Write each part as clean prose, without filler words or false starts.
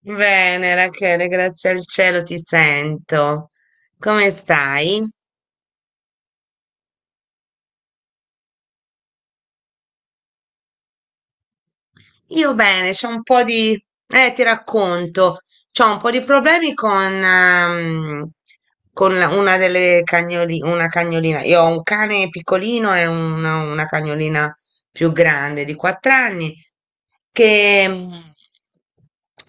Bene, Rachele, grazie al cielo ti sento. Come stai? Io bene, c'ho un po' di. Ti racconto, c'ho un po' di problemi con, una cagnolina. Io ho un cane piccolino e una cagnolina più grande di 4 anni che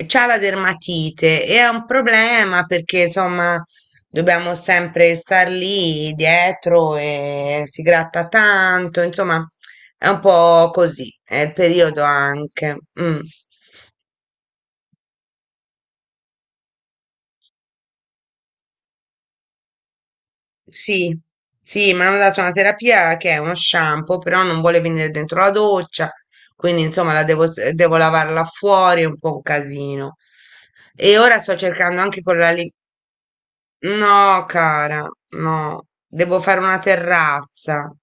c'ha la dermatite e è un problema perché insomma dobbiamo sempre star lì dietro e si gratta tanto, insomma è un po' così, è il periodo anche. Mm. Sì, sì, mi hanno dato una terapia che è uno shampoo, però non vuole venire dentro la doccia, quindi insomma la devo, devo lavarla fuori, è un po' un casino. E ora sto cercando anche con la. No, cara, no, devo fare una terrazza,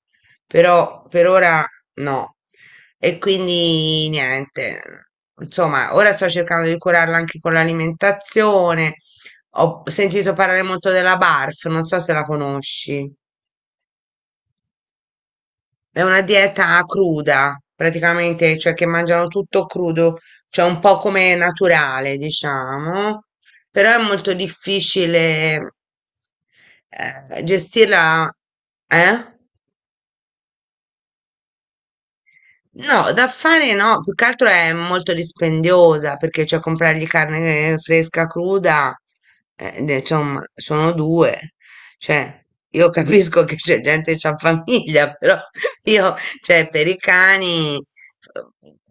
però per ora no. E quindi niente, insomma, ora sto cercando di curarla anche con l'alimentazione. Ho sentito parlare molto della BARF, non so se la conosci. È una dieta cruda, praticamente, cioè che mangiano tutto crudo, cioè un po' come naturale, diciamo, però è molto difficile gestirla, eh? No, da fare no, più che altro è molto dispendiosa perché cioè comprargli carne fresca cruda, insomma, sono due. Cioè, io capisco che c'è gente che ha famiglia, però io, cioè, per i cani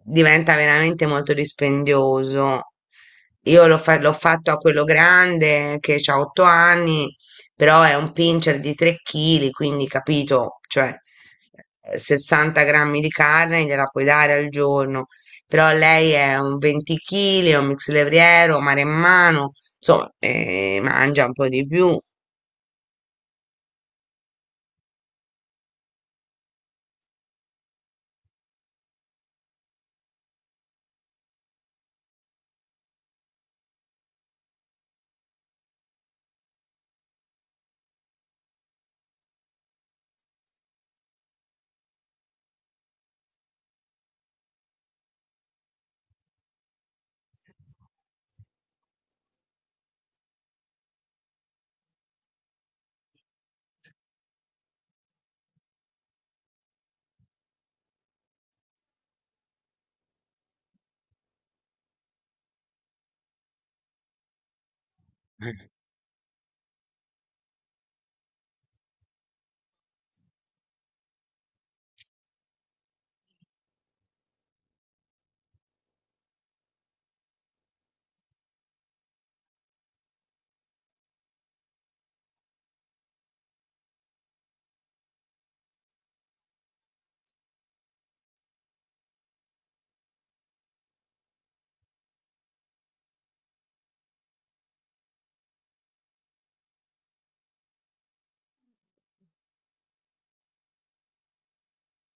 diventa veramente molto dispendioso. Io l'ho fatto a quello grande che ha 8 anni, però è un pincher di 3 kg, quindi capito, cioè 60 grammi di carne gliela puoi dare al giorno, però lei è un 20 kg, è un mix levriero, maremmano, insomma, mangia un po' di più.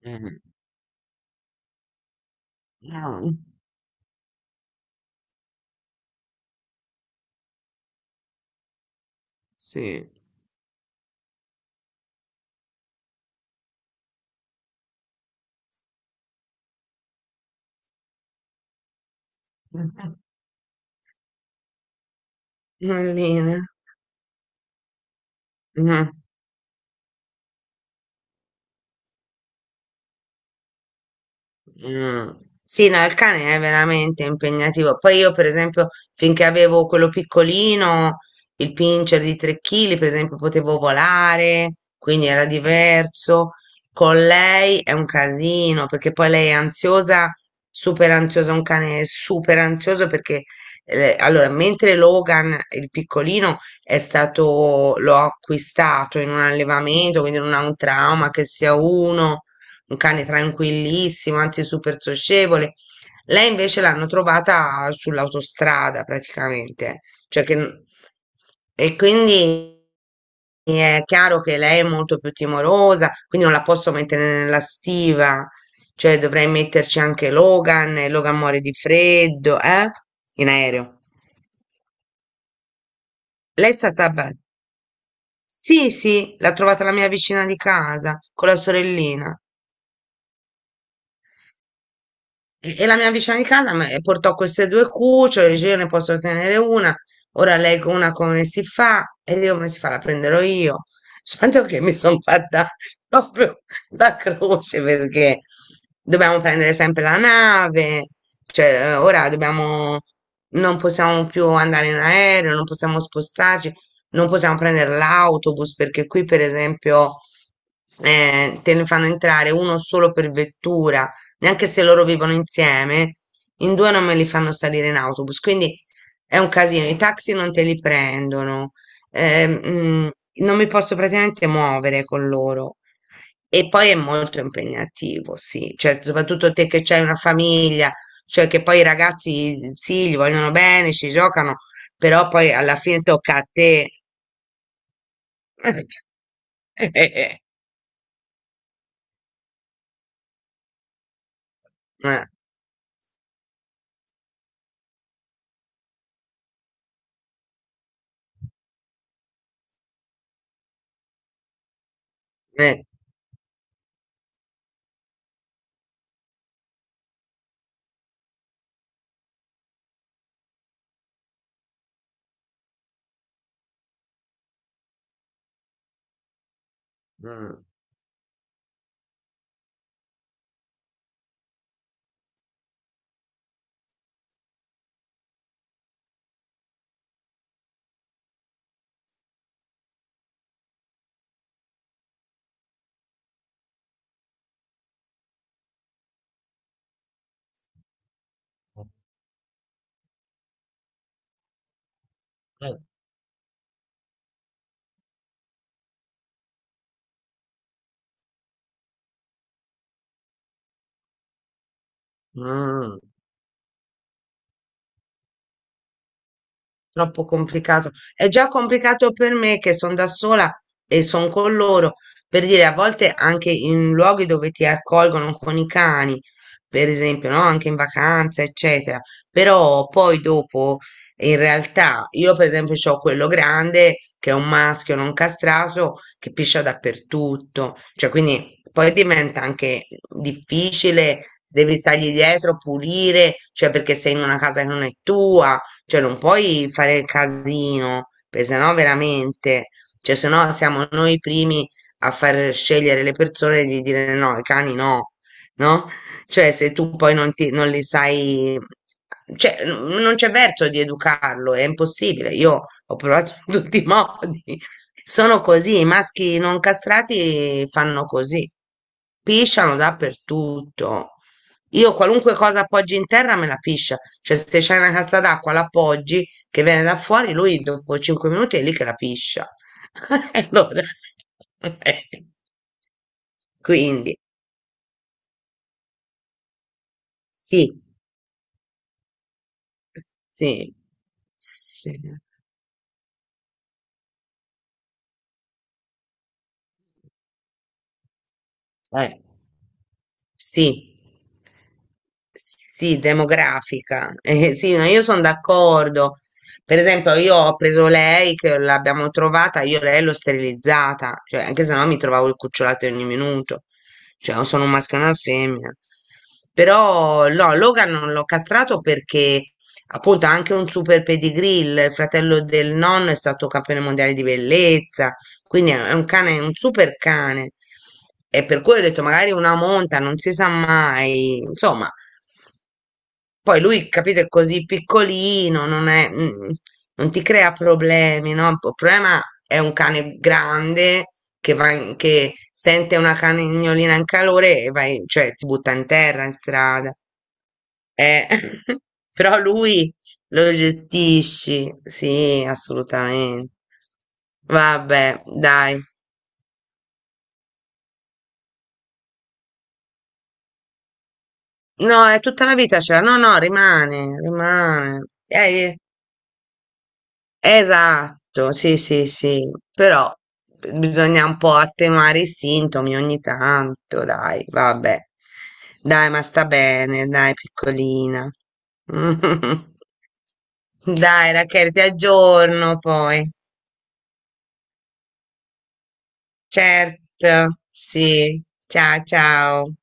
Mm. Ah, sì. Allina. Mm. Mm. Sì, no, il cane è veramente impegnativo. Poi io, per esempio, finché avevo quello piccolino, il pincher di 3 kg, per esempio, potevo volare, quindi era diverso. Con lei è un casino, perché poi lei è ansiosa, super ansiosa, un cane super ansioso perché allora, mentre Logan, il piccolino, è stato, l'ho acquistato in un allevamento, quindi non ha un trauma che sia uno un cane tranquillissimo, anzi super socievole. Lei invece l'hanno trovata sull'autostrada praticamente, cioè che, e quindi è chiaro che lei è molto più timorosa, quindi non la posso mettere nella stiva, cioè dovrei metterci anche Logan, e Logan muore di freddo, eh? In aereo. Lei è stata bella. Sì, sì, l'ha trovata la mia vicina di casa con la sorellina. E la mia vicina di casa portò queste due cucciole, dice io ne posso tenere una, ora lei con una come si fa? E io come si fa? La prenderò io. Tanto che mi sono fatta proprio la croce perché dobbiamo prendere sempre la nave, cioè ora dobbiamo, non possiamo più andare in aereo, non possiamo spostarci, non possiamo prendere l'autobus perché qui per esempio te ne fanno entrare uno solo per vettura neanche se loro vivono insieme, in due non me li fanno salire in autobus, quindi è un casino. I taxi non te li prendono, ehm, mm, non mi posso praticamente muovere con loro. E poi è molto impegnativo, sì, cioè soprattutto te che c'hai una famiglia, cioè che poi i ragazzi sì, gli vogliono bene, ci giocano, però poi alla fine tocca a te. Eh, eh, mm, mm, mm. Troppo complicato. È già complicato per me che sono da sola e sono con loro. Per dire, a volte anche in luoghi dove ti accolgono con i cani, per esempio, no? Anche in vacanza, eccetera. Però poi dopo, in realtà, io per esempio ho quello grande che è un maschio non castrato che piscia dappertutto. Cioè, quindi poi diventa anche difficile, devi stargli dietro, pulire, cioè perché sei in una casa che non è tua, cioè, non puoi fare il casino, perché sennò veramente, cioè, sennò siamo noi i primi a far scegliere le persone di dire no, i cani no, no? Cioè, se tu poi non li sai, cioè, non c'è verso di educarlo, è impossibile. Io ho provato in tutti i modi. Sono così, i maschi non castrati fanno così. Pisciano dappertutto. Io qualunque cosa appoggi in terra me la piscia. Cioè, se c'è una cassa d'acqua, la appoggi che viene da fuori, lui dopo 5 minuti è lì che la piscia. Allora, quindi, sì, sì, sì. Eh, sì. Sì, demografica. Sì, ma io sono d'accordo. Per esempio, io ho preso lei, che l'abbiamo trovata, io lei l'ho sterilizzata, cioè, anche se no mi trovavo il cucciolato ogni minuto. Cioè, o sono un maschio e una femmina. Però, no, Logan non l'ho castrato perché, appunto, ha anche un super pedigree, il fratello del nonno è stato campione mondiale di bellezza, quindi è un cane, è un super cane. E per cui ho detto, magari una monta, non si sa mai. Insomma, poi lui, capito, è così piccolino, non è, non ti crea problemi, no? Il problema è un cane grande che, che sente una cagnolina in calore e vai, cioè, ti butta in terra, in strada. Eh, però lui lo gestisci, sì, assolutamente. Vabbè, dai. No, è tutta la vita ce l'ha. No, no, rimane, rimane. Esatto, sì, sì, sì. Però bisogna un po' attenuare i sintomi ogni tanto, dai, vabbè. Dai, ma sta bene, dai, piccolina. Dai, Rachele, ti aggiorno poi. Certo, sì. Ciao, ciao.